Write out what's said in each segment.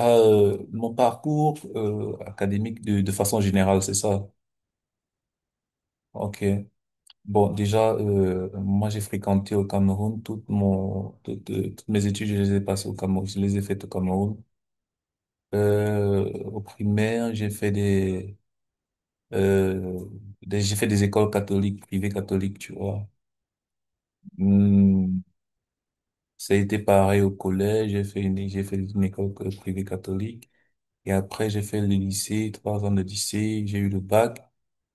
Mon parcours académique de façon générale, c'est ça. Ok. Bon, déjà, moi, j'ai fréquenté au Cameroun toutes mes études, je les ai passées au Cameroun, je les ai faites au Cameroun. Au primaire, euh, j'ai fait des écoles catholiques, privées catholiques, tu vois. Hmm. Ça a été pareil au collège, j'ai fait une école privée catholique. Et après, j'ai fait le lycée, 3 ans de lycée, j'ai eu le bac.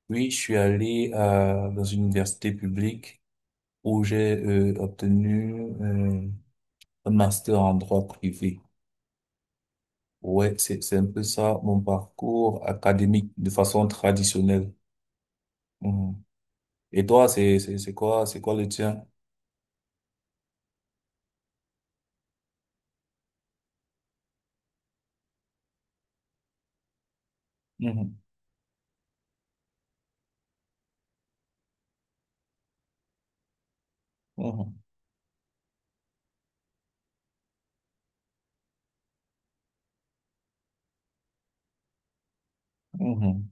Oui, je suis allé dans une université publique où j'ai obtenu euh, un master en droit privé. Ouais, c'est un peu ça mon parcours académique de façon traditionnelle. Mhm. Et toi, c'est quoi le tien? Mhm, mhm, mhm.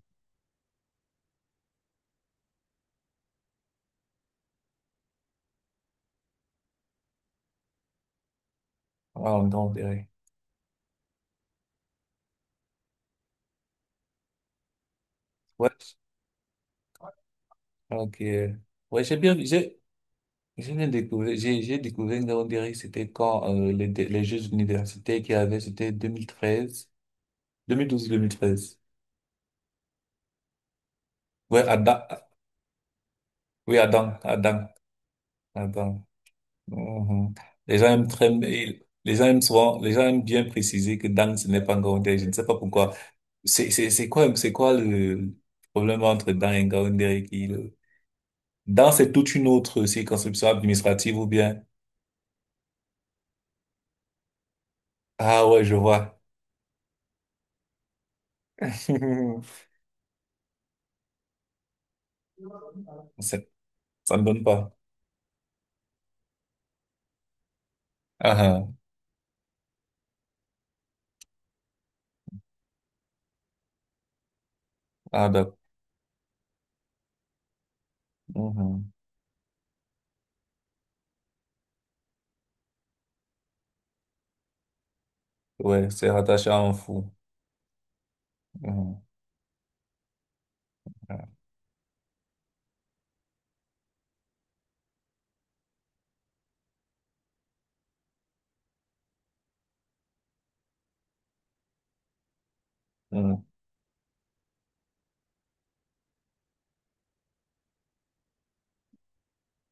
Ah, donc, ouais, ok. Ouais, j'ai bien découvert, j'ai découvert, on dirait que c'était quand les Jeux universitaires qu'il y avait, c'était 2013, 2012-2013. Ouais, Adam. Oui, Adam. Adam. Adam. Mhm. Les gens aiment très, ils- les gens aiment souvent, Les gens aiment bien préciser que Dan, ce n'est pas Ngaoundéré. Je ne sais pas pourquoi. C'est quoi le problème entre Dan et Ngaoundéré. Dan, c'est toute une autre circonscription administrative ou bien. Ah ouais, je vois. Ça, ça ne donne pas. Ah, ah, ah, d'accord. Mhm. Ouais, c'est rattaché à un fou. Mhm. Ouais. Mhm.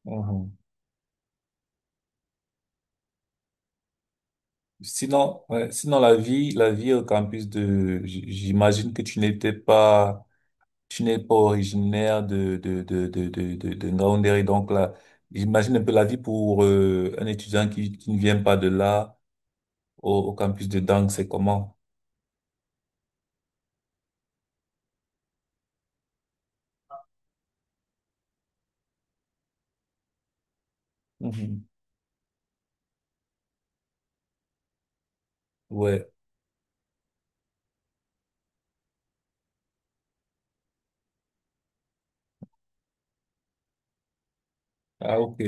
Mhm. Sinon, ouais, sinon la vie au campus de, j'imagine que tu n'es pas originaire de Ngaoundéré. Donc là, j'imagine un peu la vie pour un étudiant qui ne vient pas de là au campus de Dang, c'est comment? Mhm. Ouais. Ah, ok.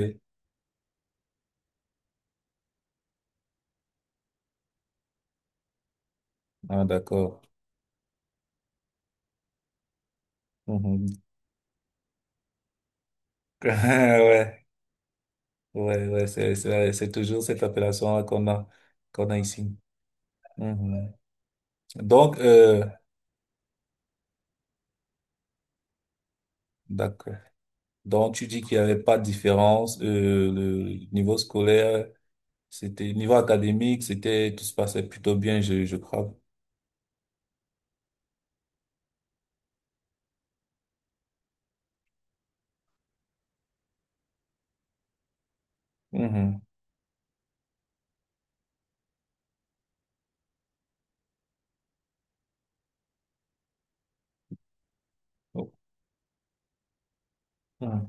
Ah, d'accord. Mhm. Ouais, ouais, ouais, c'est toujours cette appellation-là qu'on a ici. Mhm. Donc, d'accord. Donc, tu dis qu'il n'y avait pas de différence. Le niveau scolaire, niveau académique, tout se passait plutôt bien, je crois. Mhm. Oh, mhm.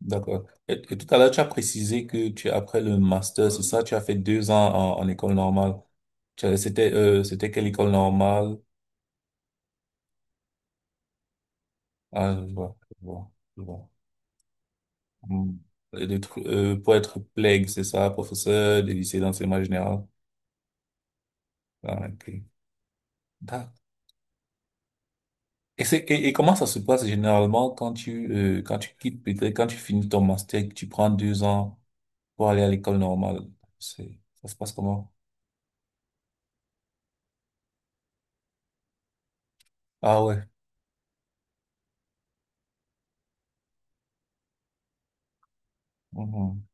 D'accord. Et, tout à l'heure, tu as précisé après le master, c'est ça, tu as fait 2 ans en école normale. C'était quelle école normale? Ah, je vois, je vois, je vois. Mhm. Pour être PLEG, c'est ça, professeur des lycées d'enseignement général. Ah, ok. Et comment ça se passe généralement quand tu quittes, peut-être quand tu finis ton master, que tu prends 2 ans pour aller à l'école normale? Ça se passe comment? Ah ouais. Mhm.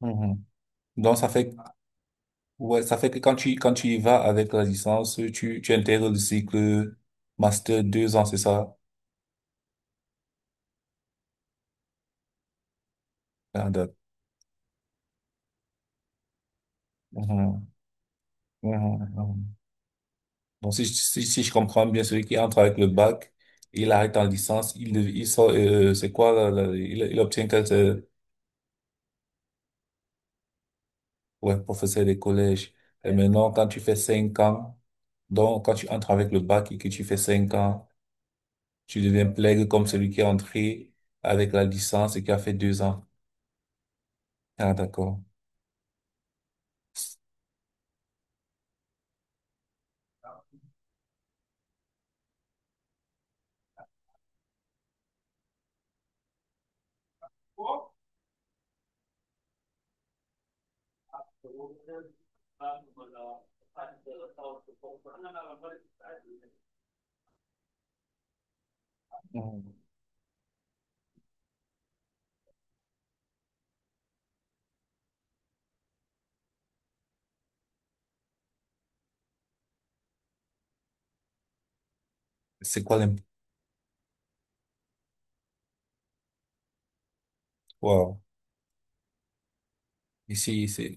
Mhm. Donc ça fait, ouais, ça fait que quand tu y vas avec la licence, tu intègres le cycle master 2 ans, c'est ça? Ah, d'accord. Mhm. Mhm. Mhm. Donc, si je comprends bien, celui qui entre avec le bac, il arrête en licence, il sort, c'est quoi, là, il obtient quel. Ouais, professeur des collèges. Et maintenant, quand tu fais 5 ans, donc quand tu entres avec le bac et que tu fais 5 ans, tu deviens plègue comme celui qui est entré avec la licence et qui a fait 2 ans. Ah, d'accord. Mm. C'est quoi l'imp... Wow. Ici, c'est...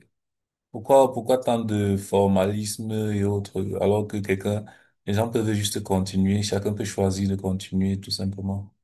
Pourquoi tant de formalisme et autres, alors que quelqu'un, les gens peuvent juste continuer, chacun peut choisir de continuer, tout simplement.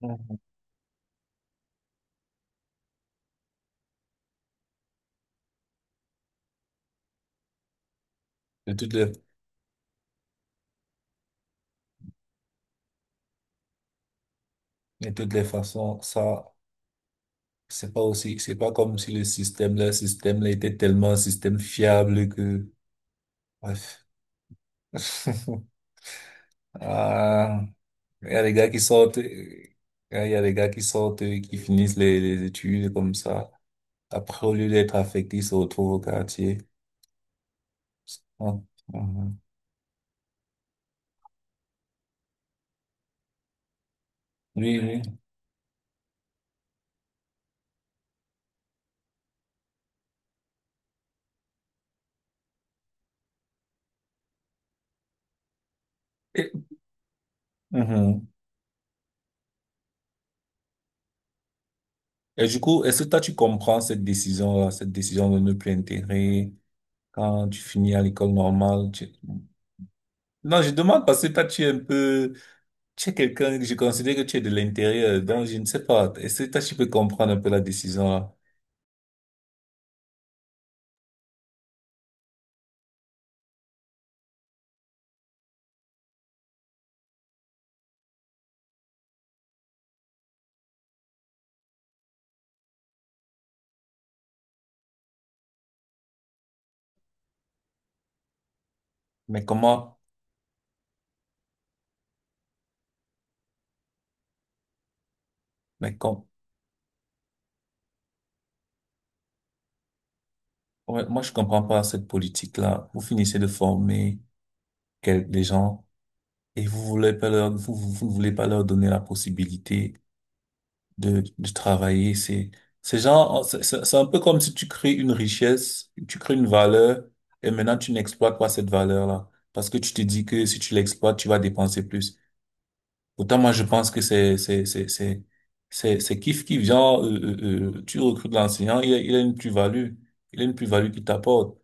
Mhm. De toutes les, de toutes les façons, ça, C'est pas aussi, c'est pas comme si le système là était tellement un système fiable que, bref. Ah, il y a des gars qui sortent, euh, il y a des gars qui sortent, qui finissent les études comme ça. Après, au lieu d'être affectés, ils se retrouvent au quartier. Ah, mhm. Oui, oui. Et, mhm. Et du coup, est-ce que toi, tu comprends cette décision-là, cette décision de ne plus intégrer quand tu finis à l'école normale? Non, je demande parce que toi, tu es un peu, tu es quelqu'un que je considère que tu es de l'intérieur, donc je ne sais pas. Est-ce que toi, tu peux comprendre un peu la décision là? Mais comment, mais com- ouais, moi, je comprends pas cette politique-là. Vous finissez de former les gens et vous ne voulez pas leur donner la possibilité de travailler. C'est genre, c'est- C'est un peu comme si tu crées une richesse, tu crées une valeur et maintenant tu n'exploites pas cette valeur-là parce que tu te dis que si tu l'exploites, tu vas dépenser plus. Autant moi, je pense que c'est kiff qui vient tu recrutes l'enseignant, il a une plus-value. Il a une plus-value qui t'apporte.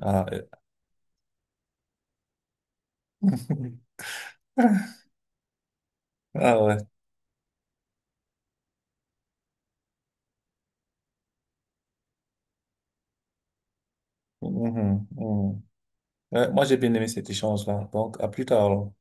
Ah, euh. Ah, ouais. Mhm, mhm. Ouais, moi, j'ai bien aimé cet échange-là. Donc, à plus tard. Alors.